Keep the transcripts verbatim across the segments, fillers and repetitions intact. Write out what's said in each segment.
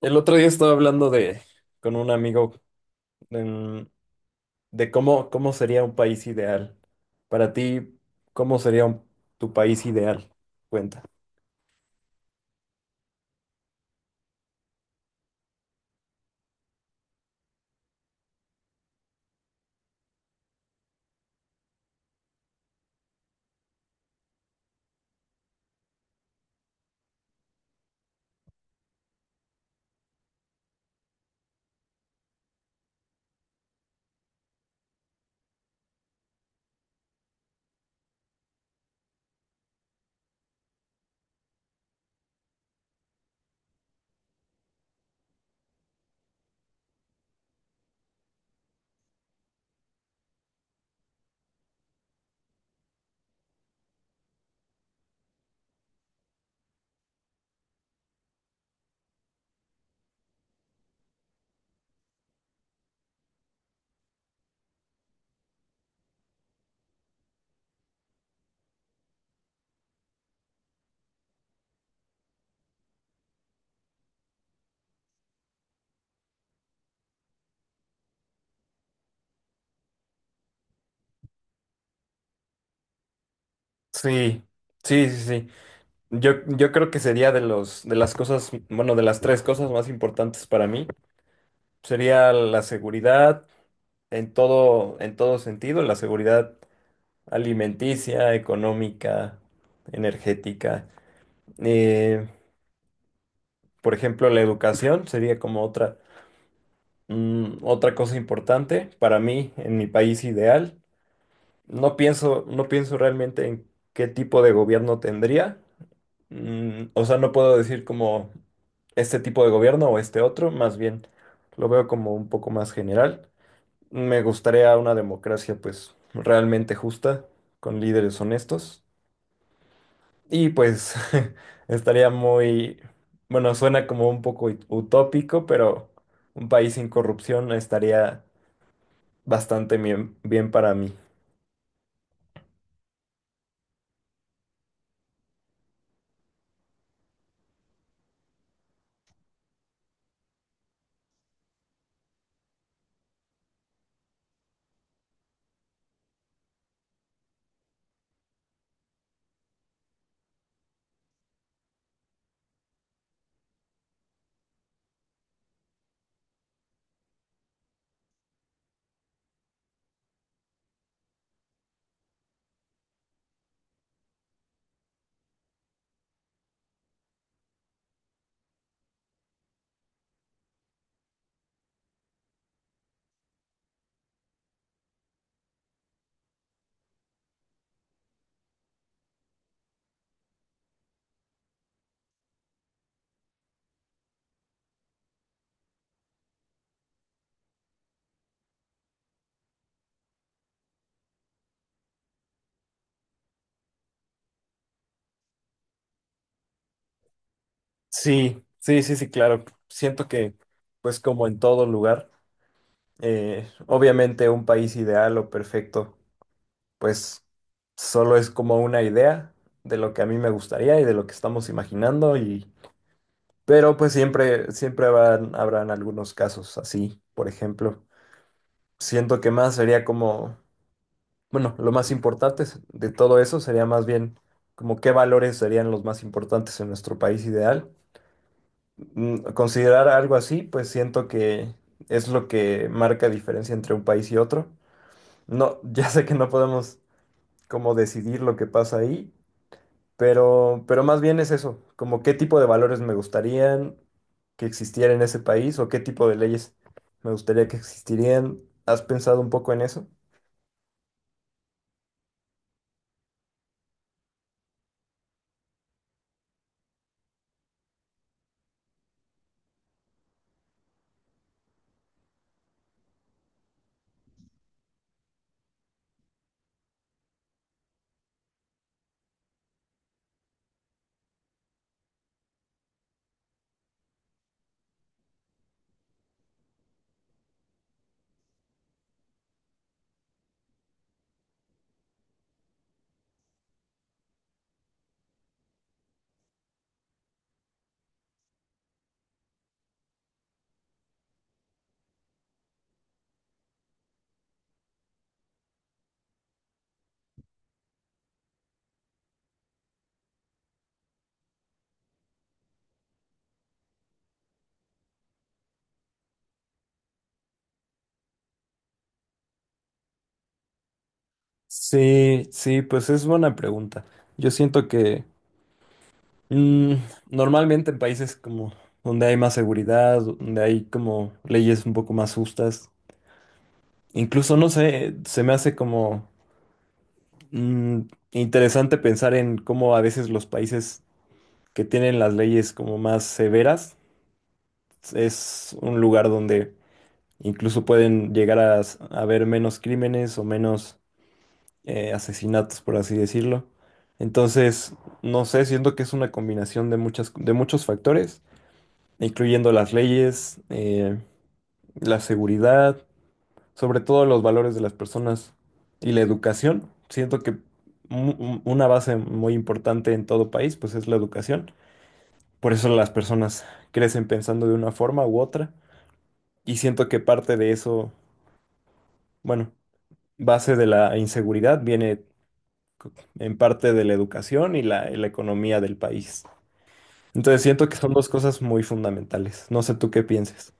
El otro día estaba hablando de con un amigo en- de cómo, cómo sería un país ideal. Para ti, ¿cómo sería un- tu país ideal? Cuenta. Sí, sí, sí, sí. Yo, yo creo que sería de los, de las cosas, bueno, de las tres cosas más importantes para mí. Sería la seguridad en todo, en todo sentido, la seguridad alimenticia, económica, energética. Eh, por ejemplo, la educación sería como otra. Mm, otra cosa importante para mí, en mi país ideal, no pienso, no pienso realmente en qué tipo de gobierno tendría. Mm, o sea, no puedo decir como este tipo de gobierno o este otro, más bien lo veo como un poco más general. Me gustaría una democracia pues realmente justa, con líderes honestos. Y pues estaría muy, bueno, suena como un poco ut- utópico, pero un país sin corrupción estaría bastante bien, bien para mí. Sí, sí, sí, sí, claro. Siento que, pues como en todo lugar, eh, obviamente un país ideal o perfecto, pues solo es como una idea de lo que a mí me gustaría y de lo que estamos imaginando y, pero pues siempre, siempre habrán, habrán algunos casos así, por ejemplo. Siento que más sería como, bueno, lo más importante es- de todo eso sería más bien como qué valores serían los más importantes en nuestro país ideal mm, considerar algo así, pues siento que es lo que marca diferencia entre un país y otro. No, ya sé que no podemos como decidir lo que pasa ahí, pero, pero más bien es eso, como qué tipo de valores me gustarían que existiera en ese país o qué tipo de leyes me gustaría que existirían. ¿Has pensado un poco en eso? Sí, sí, pues es buena pregunta. Yo siento que Mm, normalmente en países como donde hay más seguridad, donde hay como leyes un poco más justas, incluso no sé, se me hace como mm, interesante pensar en cómo a veces los países que tienen las leyes como más severas es un lugar donde incluso pueden llegar a, s- a haber menos crímenes o menos eh, asesinatos, por así decirlo. Entonces, no sé, siento que es una combinación de muchas, de muchos factores incluyendo las leyes, eh, la seguridad, sobre todo los valores de las personas y la educación. Siento que mu- un- una base muy importante en todo país, pues es la educación. Por eso las personas crecen pensando de una forma u otra. Y siento que parte de eso, bueno, base de la inseguridad viene en parte de la educación y la, y la economía del país. Entonces siento que son dos cosas muy fundamentales. No sé tú qué pienses.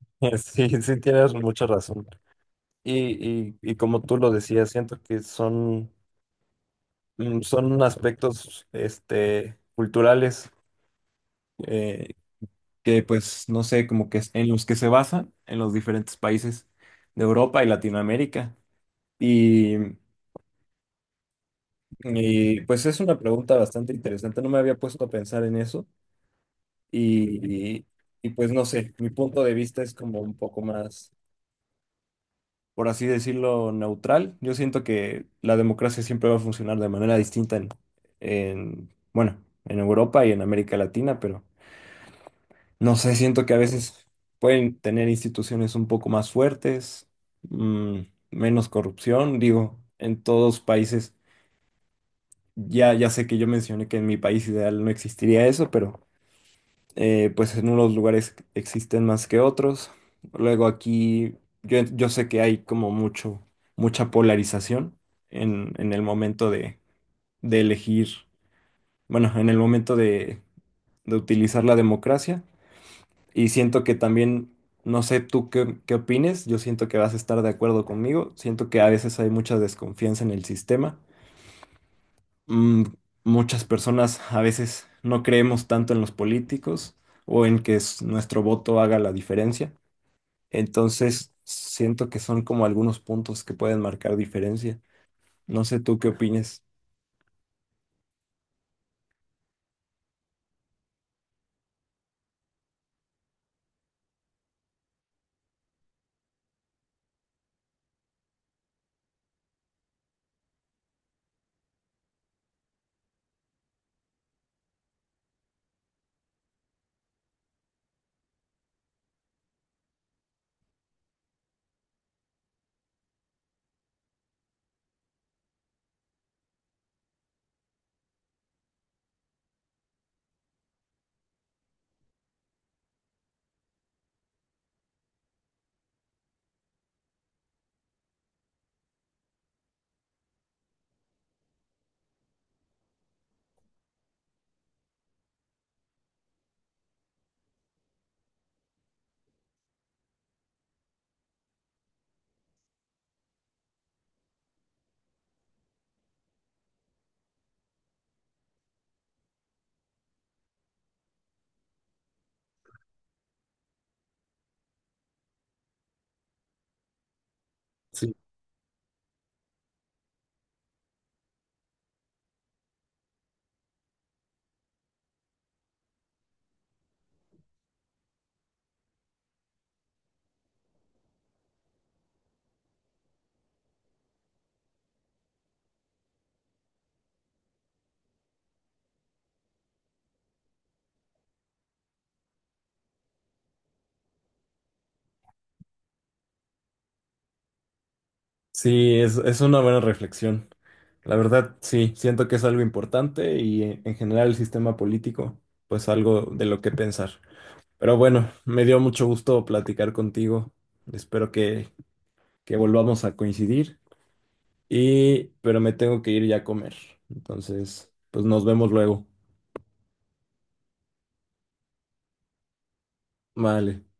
Sí, sí, tienes mucha razón. Y, y, y como tú lo decías, siento que son, mm, son aspectos este, culturales eh, que pues no sé, como que es- en los que se basan en los diferentes países de Europa y Latinoamérica. Y, y, pues es una pregunta bastante interesante, no me había puesto a pensar en eso y, y, y, pues no sé, mi punto de vista es como un poco más por así decirlo, neutral. Yo siento que la democracia siempre va a funcionar de manera distinta en, en, bueno, en Europa y en América Latina, pero no sé, siento que a veces pueden tener instituciones un poco más fuertes, mm, menos corrupción, digo, en todos países. Ya, ya sé que yo mencioné que en mi país ideal no existiría eso, pero eh, pues en unos lugares existen más que otros. Luego aquí yo, yo sé que hay como mucho, mucha polarización en, en el momento de, de elegir, bueno, en el momento de, de utilizar la democracia. Y siento que también, no sé tú qué, qué opines, yo siento que vas a estar de acuerdo conmigo. Siento que a veces hay mucha desconfianza en el sistema. Mm, muchas personas a veces no creemos tanto en los políticos o en que s- nuestro voto haga la diferencia. Entonces, siento que son como algunos puntos que pueden marcar diferencia. No sé tú qué opines. Sí, sí, es, es una buena reflexión. La verdad, sí, siento que es algo importante y eh, en general el sistema político, pues algo de lo que pensar. Pero bueno, me dio mucho gusto platicar contigo. Espero que, que volvamos a coincidir. Y, pero me tengo que ir ya a comer. Entonces, pues nos vemos luego. Vale.